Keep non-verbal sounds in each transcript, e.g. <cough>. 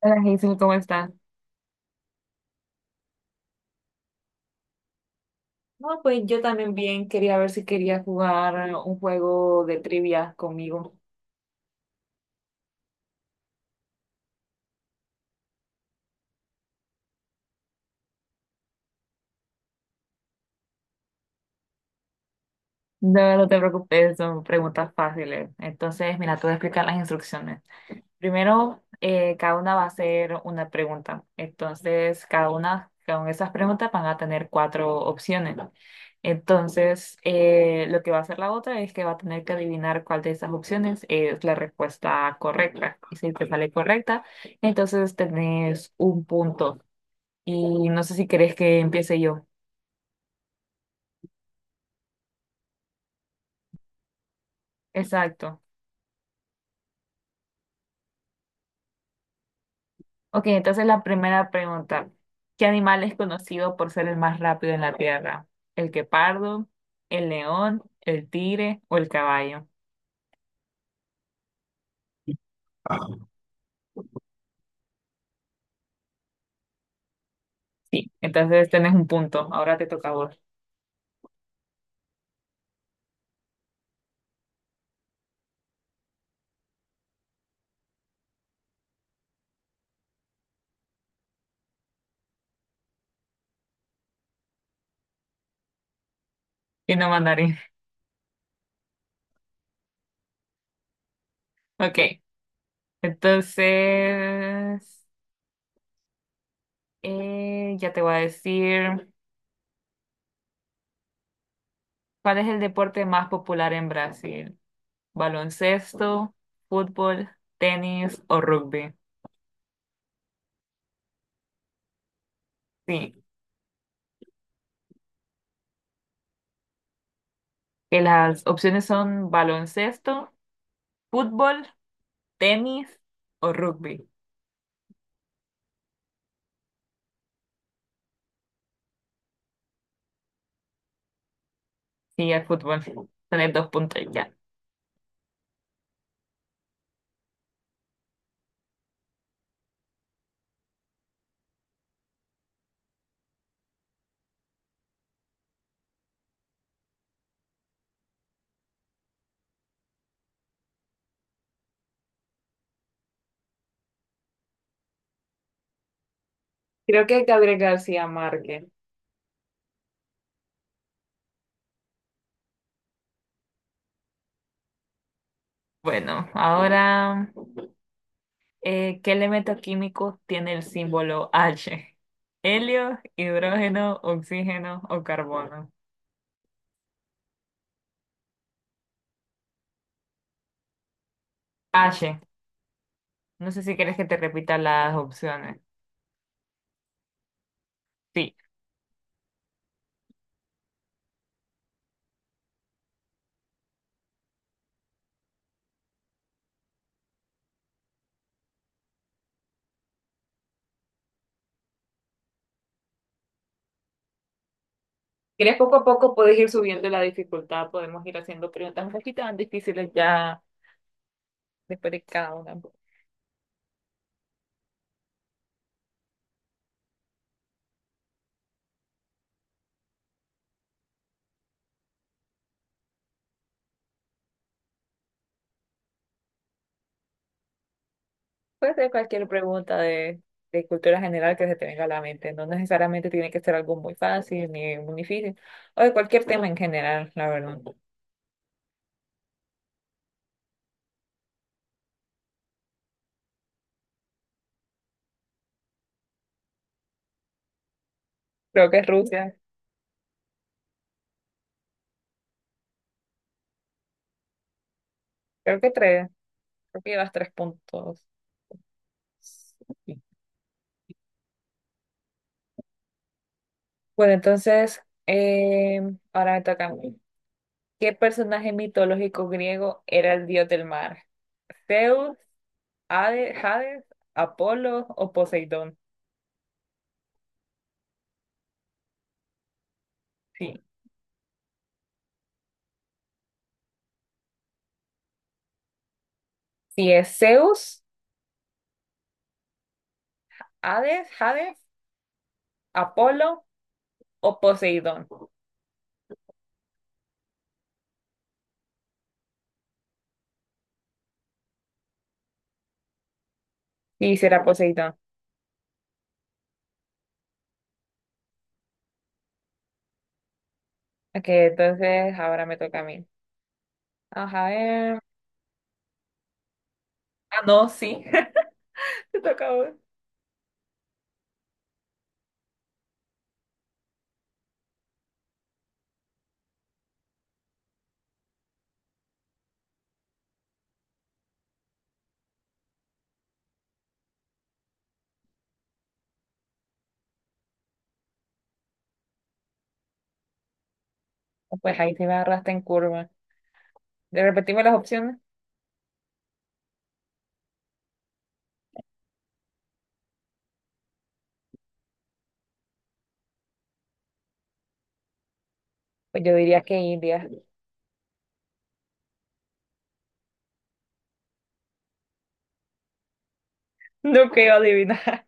Hola Hazel, ¿cómo estás? No, pues yo también bien quería ver si quería jugar un juego de trivia conmigo. No, no te preocupes, son preguntas fáciles. Entonces, mira, te voy a explicar las instrucciones. Primero, cada una va a hacer una pregunta. Entonces, cada una con esas preguntas van a tener cuatro opciones. Entonces, lo que va a hacer la otra es que va a tener que adivinar cuál de esas opciones es la respuesta correcta. Y si te sale correcta, entonces tenés un punto. Y no sé si querés que empiece yo. Exacto. Ok, entonces la primera pregunta. ¿Qué animal es conocido por ser el más rápido en la Tierra? ¿El guepardo, el león, el tigre o el caballo? Sí, entonces tenés un punto. Ahora te toca a vos. Y no mandarín. <laughs> Ok, entonces ya te voy a decir cuál es el deporte más popular en Brasil. ¿Baloncesto, fútbol, tenis o rugby? Sí, que las opciones son baloncesto, fútbol, tenis o rugby. Sí, el fútbol. Tener dos puntos ya. Creo que Gabriel García Márquez. Bueno, ahora, ¿qué elemento químico tiene el símbolo H? ¿Helio, hidrógeno, oxígeno o carbono? H. No sé si quieres que te repita las opciones. Sí. ¿Quieres poco a poco puedes ir subiendo la dificultad? Podemos ir haciendo preguntas un poquito más difíciles ya después de cada una. Puede ser cualquier pregunta de cultura general que se te venga a la mente. No necesariamente tiene que ser algo muy fácil ni muy difícil, o de cualquier tema en general, la verdad. Creo que es Rusia, creo que tres, creo que llevas tres puntos. Sí. Bueno, entonces, eh, ahora me toca a mí. ¿Qué personaje mitológico griego era el dios del mar? ¿Zeus, Hades, Apolo o Poseidón? Sí. Si es Zeus, Hades, Apolo o Poseidón. Sí, será Poseidón. Ok, entonces ahora me toca a mí. Ajá, ver. Ah, no, sí. <laughs> Te toca a vos. Pues ahí sí me agarraste en curva. ¿De repetirme las opciones? Pues yo diría que India. <laughs> No creo adivinar.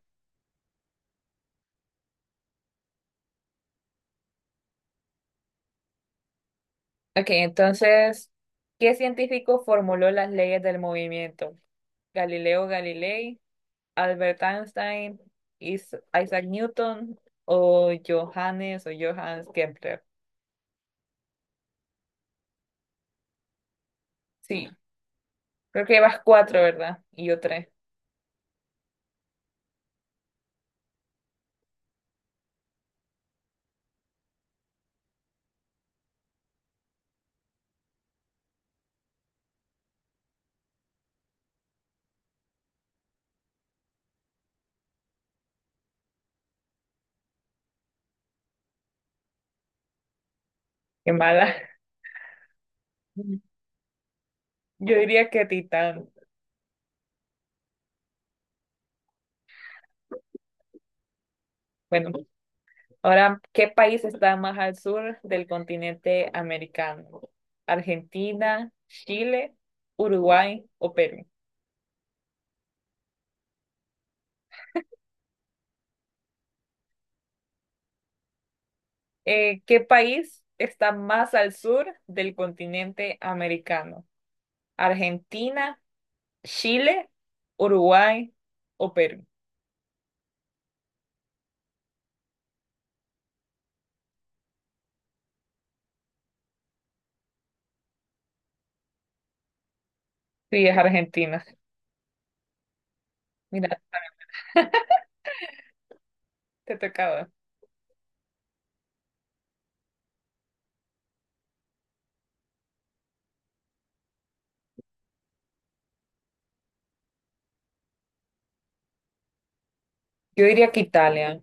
Ok, entonces, ¿qué científico formuló las leyes del movimiento? ¿Galileo Galilei, Albert Einstein, Isaac Newton o Johannes Kepler? Sí, creo que llevas cuatro, ¿verdad? Y yo tres. Qué mala. <laughs> Yo diría que Titán. Bueno, ahora, ¿qué país está más al sur del continente americano? ¿Argentina, Chile, Uruguay o Perú? ¿Qué país está más al sur del continente americano? ¿Argentina, Chile, Uruguay o Perú? Sí, es Argentina. Mira, te tocaba. Yo diría que Italia.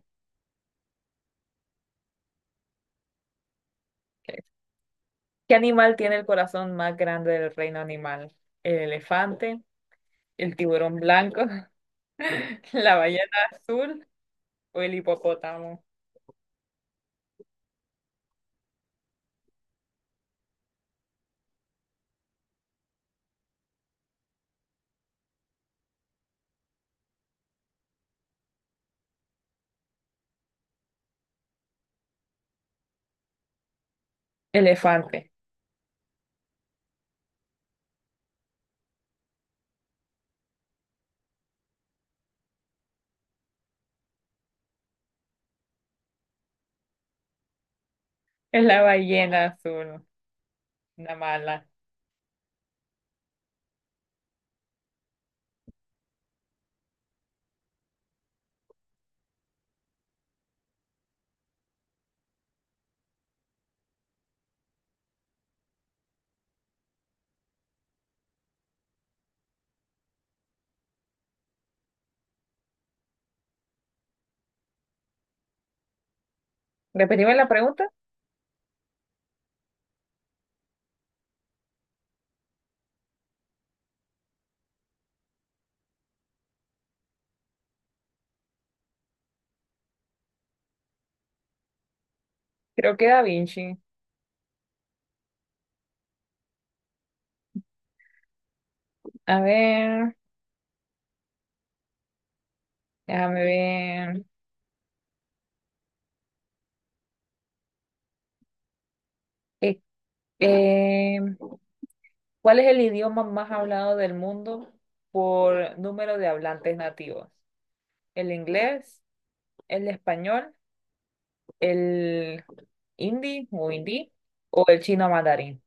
¿Qué animal tiene el corazón más grande del reino animal? ¿El elefante, el tiburón blanco, <laughs> la ballena azul o el hipopótamo? Elefante. Es la ballena azul, una mala. Repetimos la pregunta. Creo que Da Vinci. A ver, déjame ver. Eh, eh, ¿Cuál es el idioma más hablado del mundo por número de hablantes nativos? ¿El inglés, el español, el hindi o el chino mandarín?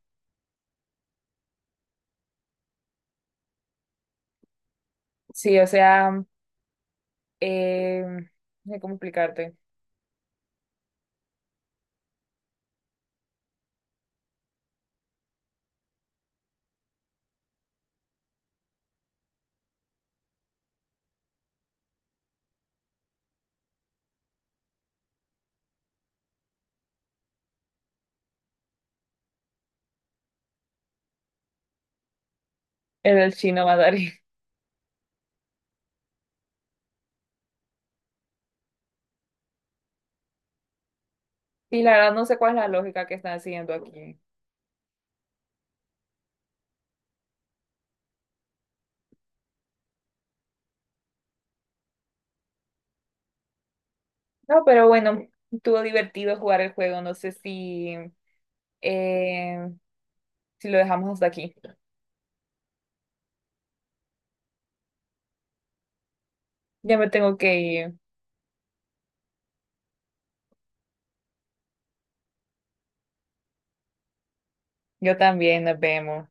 Sí, o sea, Eh, no sé cómo explicarte. Era el chino mandarín. Y <laughs> la verdad no sé cuál es la lógica que están haciendo aquí. No, pero bueno, estuvo divertido jugar el juego. No sé eh, si lo dejamos hasta aquí. Ya me tengo que ir. Yo también, nos vemos.